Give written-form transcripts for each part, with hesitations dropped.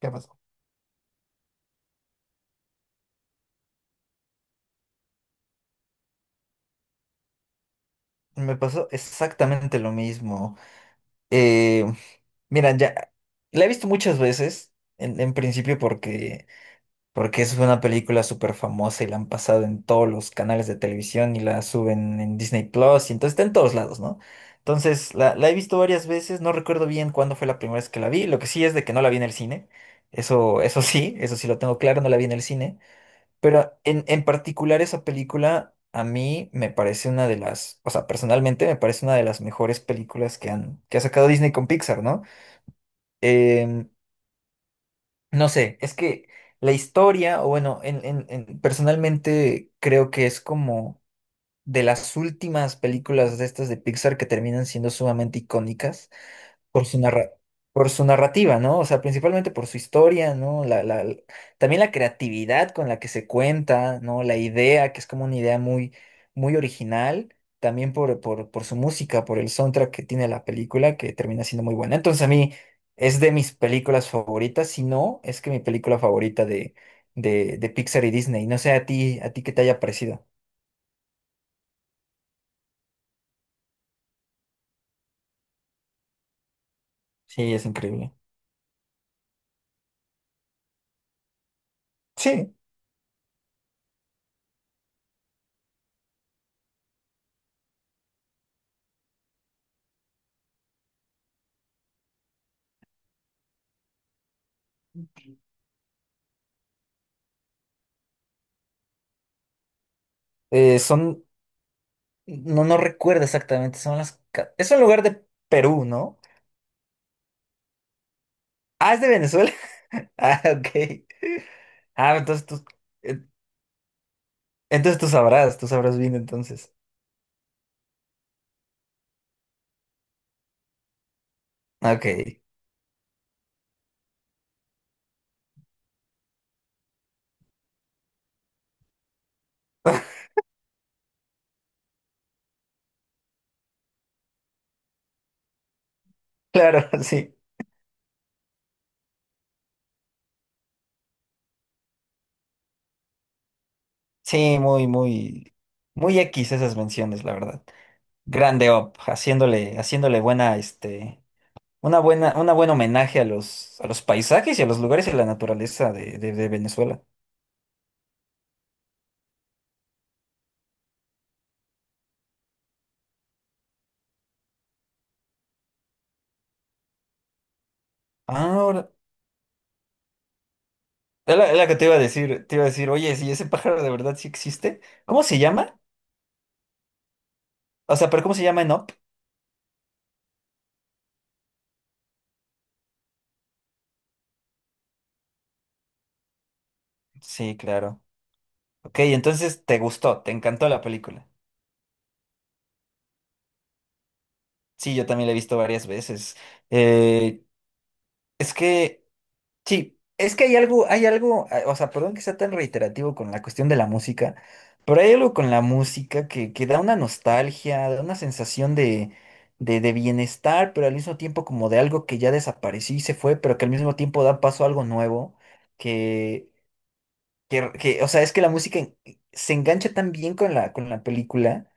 ¿Qué pasó? Me pasó exactamente lo mismo. Eh, Mira, ya la he visto muchas veces, en principio porque, porque es una película súper famosa y la han pasado en todos los canales de televisión y la suben en Disney Plus y entonces está en todos lados, ¿no? Entonces la he visto varias veces, no recuerdo bien cuándo fue la primera vez que la vi, lo que sí es de que no la vi en el cine, eso sí lo tengo claro, no la vi en el cine. Pero en particular esa película a mí me parece una de las, o sea, personalmente me parece una de las mejores películas que que ha sacado Disney con Pixar, ¿no? Em, no sé, es que la historia, o bueno, personalmente creo que es como de las últimas películas de estas de Pixar que terminan siendo sumamente icónicas por su por su narrativa, ¿no? O sea, principalmente por su historia, ¿no? También la creatividad con la que se cuenta, ¿no? La idea, que es como una idea muy, muy original, también por su música, por el soundtrack que tiene la película, que termina siendo muy buena. Entonces, a mí es de mis películas favoritas, si no, es que mi película favorita de, de Pixar y Disney. No sé a ti qué te haya parecido. Sí, es increíble. Sí, son... No, no recuerdo exactamente. Son las... ca- Es un lugar de Perú, ¿no? Ah, es de Venezuela. Ah, ok. Ah, entonces tú... eh, Entonces tú sabrás bien entonces. Ok. Claro, sí. Sí, muy, muy... Muy X esas menciones, la verdad. Grande Op, haciéndole, haciéndole buena, este... Una buena, una buen homenaje a los paisajes y a los lugares y a la naturaleza de Venezuela. Ahora es es la que te iba a decir, te iba a decir, oye, si ese pájaro de verdad sí existe, ¿cómo se llama? O sea, ¿pero cómo se llama en Up? Sí, claro. Ok, entonces te gustó, te encantó la película. Sí, yo también la he visto varias veces. Eh, es que sí, es que hay algo, o sea, perdón que sea tan reiterativo con la cuestión de la música, pero hay algo con la música que da una nostalgia, da una sensación de, de bienestar, pero al mismo tiempo como de algo que ya desapareció y se fue, pero que al mismo tiempo da paso a algo nuevo, que, o sea, es que la se engancha tan bien con con la película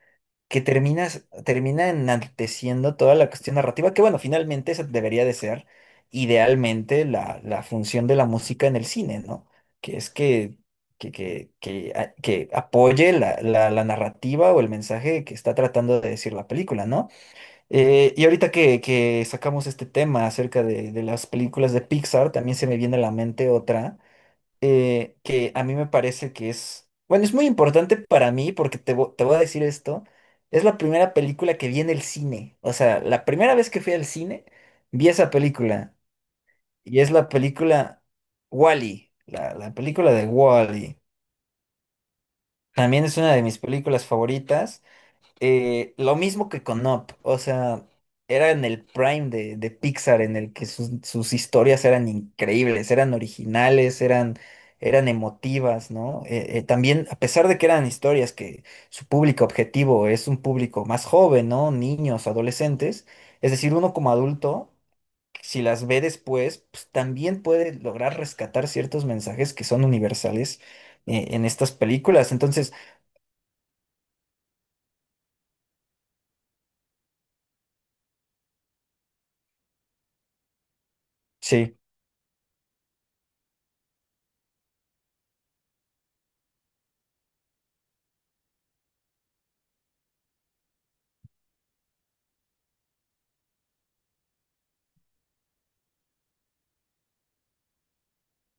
que termina enalteciendo toda la cuestión narrativa, que bueno, finalmente esa debería de ser idealmente la función de la música en el cine, ¿no? Que es que, que apoye la narrativa o el mensaje que está tratando de decir la película, ¿no? Y ahorita que sacamos este tema acerca de las películas de Pixar, también se me viene a la mente otra, que a mí me parece que es, bueno, es muy importante para mí porque te voy a decir esto, es la primera película que vi en el cine, o sea, la primera vez que fui al cine vi esa película y es la película Wall-E, la película de Wall-E. También es una de mis películas favoritas, lo mismo que con Up, o sea, era en el prime de Pixar en el que sus historias eran increíbles, eran originales, eran, eran emotivas, ¿no? También, a pesar de que eran historias que su público objetivo es un público más joven, ¿no? Niños, adolescentes, es decir, uno como adulto, si las ve después, pues también puede lograr rescatar ciertos mensajes que son universales, en estas películas. Entonces, sí,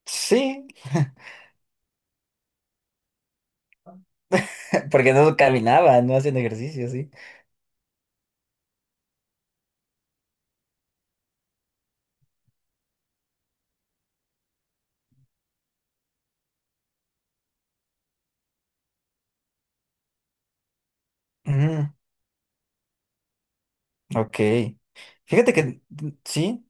sí. Porque no caminaban, no hacían ejercicio, sí. Mm, ok. Fíjate que sí.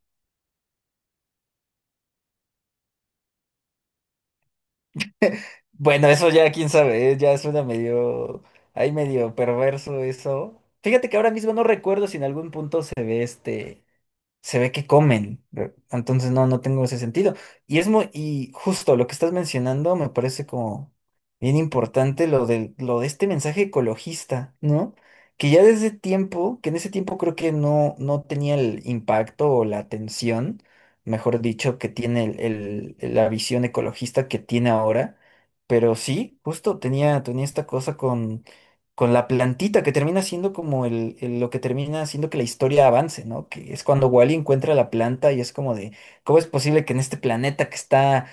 Bueno, eso ya quién sabe, ya suena medio, ahí medio perverso eso. Fíjate que ahora mismo no recuerdo si en algún punto se ve este, se ve que comen. ¿Ve? Entonces no, no tengo ese sentido. Y es muy, y justo lo que estás mencionando me parece como bien importante lo de este mensaje ecologista, ¿no? Que ya desde tiempo, que en ese tiempo creo que no, no tenía el impacto o la atención, mejor dicho, que tiene la visión ecologista que tiene ahora. Pero sí, justo tenía, tenía esta cosa con la plantita que termina siendo como lo que termina haciendo que la historia avance, ¿no? Que es cuando Wally encuentra la planta y es como de, ¿cómo es posible que en este planeta que está,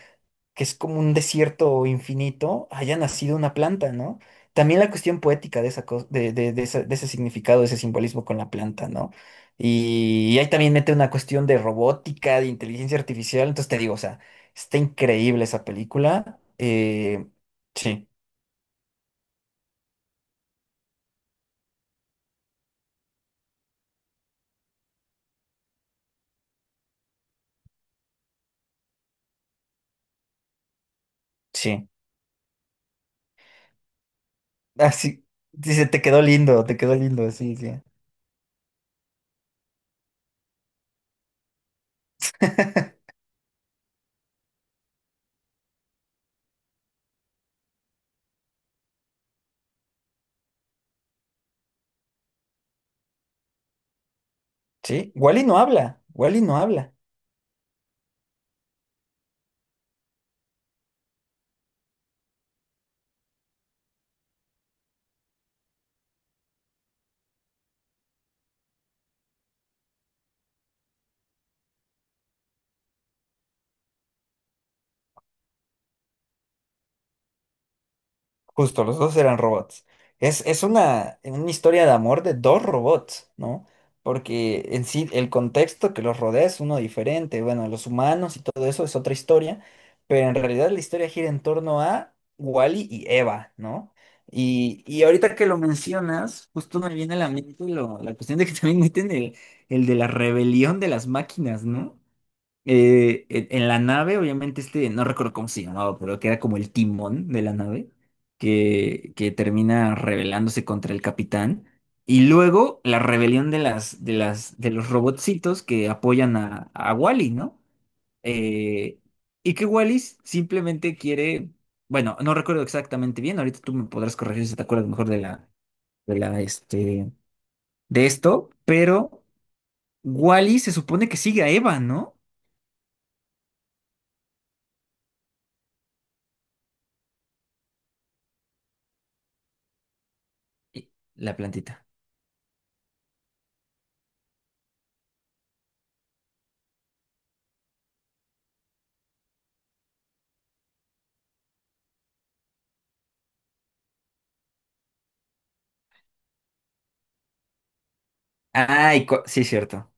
que es como un desierto infinito, haya nacido una planta, ¿no? También la cuestión poética de esa cosa, de, de de ese significado, de ese simbolismo con la planta, ¿no? Y ahí también mete una cuestión de robótica, de inteligencia artificial, entonces te digo, o sea, está increíble esa película. Sí, sí. Así, dice, te quedó lindo, sí, sí. Sí, Wally no habla, Wally no habla. Justo, los dos eran robots. Es una historia de amor de dos robots, ¿no? Porque en sí el contexto que los rodea es uno diferente. Bueno, los humanos y todo eso es otra historia, pero en realidad la historia gira en torno a Wally y Eva, ¿no? Y ahorita que lo mencionas, justo me viene a la mente la cuestión de que también meten el de la rebelión de las máquinas, ¿no? En en la nave, obviamente, este, no recuerdo cómo se llamaba, pero que era como el timón de la nave, que termina rebelándose contra el capitán. Y luego la rebelión de de los robotcitos que apoyan a Wally, ¿no? Eh, y que Wally simplemente quiere, bueno, no recuerdo exactamente bien, ahorita tú me podrás corregir si te acuerdas mejor de la, este, de esto, pero Wally se supone que sigue a Eva, ¿no? Y- La plantita. Sí, cierto.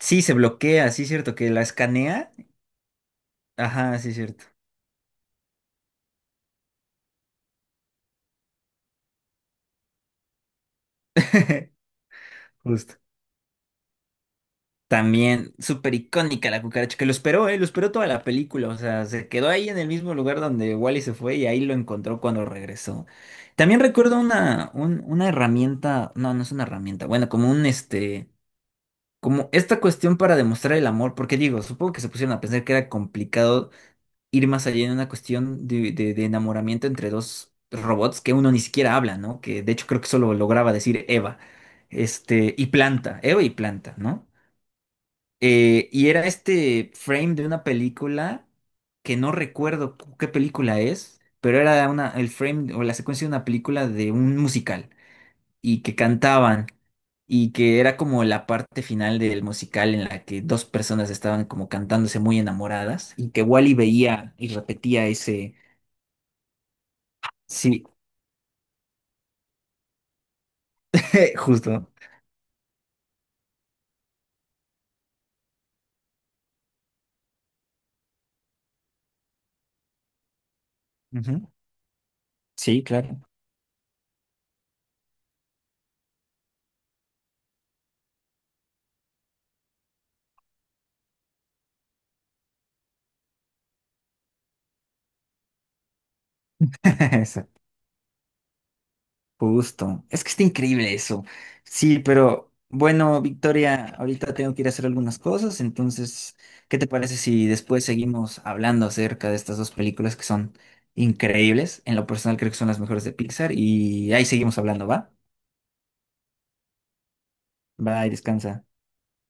Sí, se bloquea, sí, cierto, que la escanea. Ajá, sí, cierto. Justo. También súper icónica la cucaracha, que lo esperó, ¿eh? Lo esperó toda la película, o sea, se quedó ahí en el mismo lugar donde Wally se fue y ahí lo encontró cuando regresó. También recuerdo una, una herramienta, no, no es una herramienta, bueno, como un este, como esta cuestión para demostrar el amor, porque digo, supongo que se pusieron a pensar que era complicado ir más allá en una cuestión de, de enamoramiento entre dos robots que uno ni siquiera habla, ¿no? Que de hecho creo que solo lograba decir Eva, este, y Planta, Eva y Planta, ¿no? Y era este frame de una película que no recuerdo qué película es, pero era una, el frame o la secuencia de una película de un musical y que cantaban y que era como la parte final del musical en la que dos personas estaban como cantándose muy enamoradas y que Wally veía y repetía ese, sí, justo. Ujú. Sí, claro. Eso, justo. Es que está increíble eso. Sí, pero bueno, Victoria, ahorita tengo que ir a hacer algunas cosas, entonces, ¿qué te parece si después seguimos hablando acerca de estas dos películas que son increíbles? En lo personal creo que son las mejores de Pixar y ahí seguimos hablando, ¿va? Bye, descansa.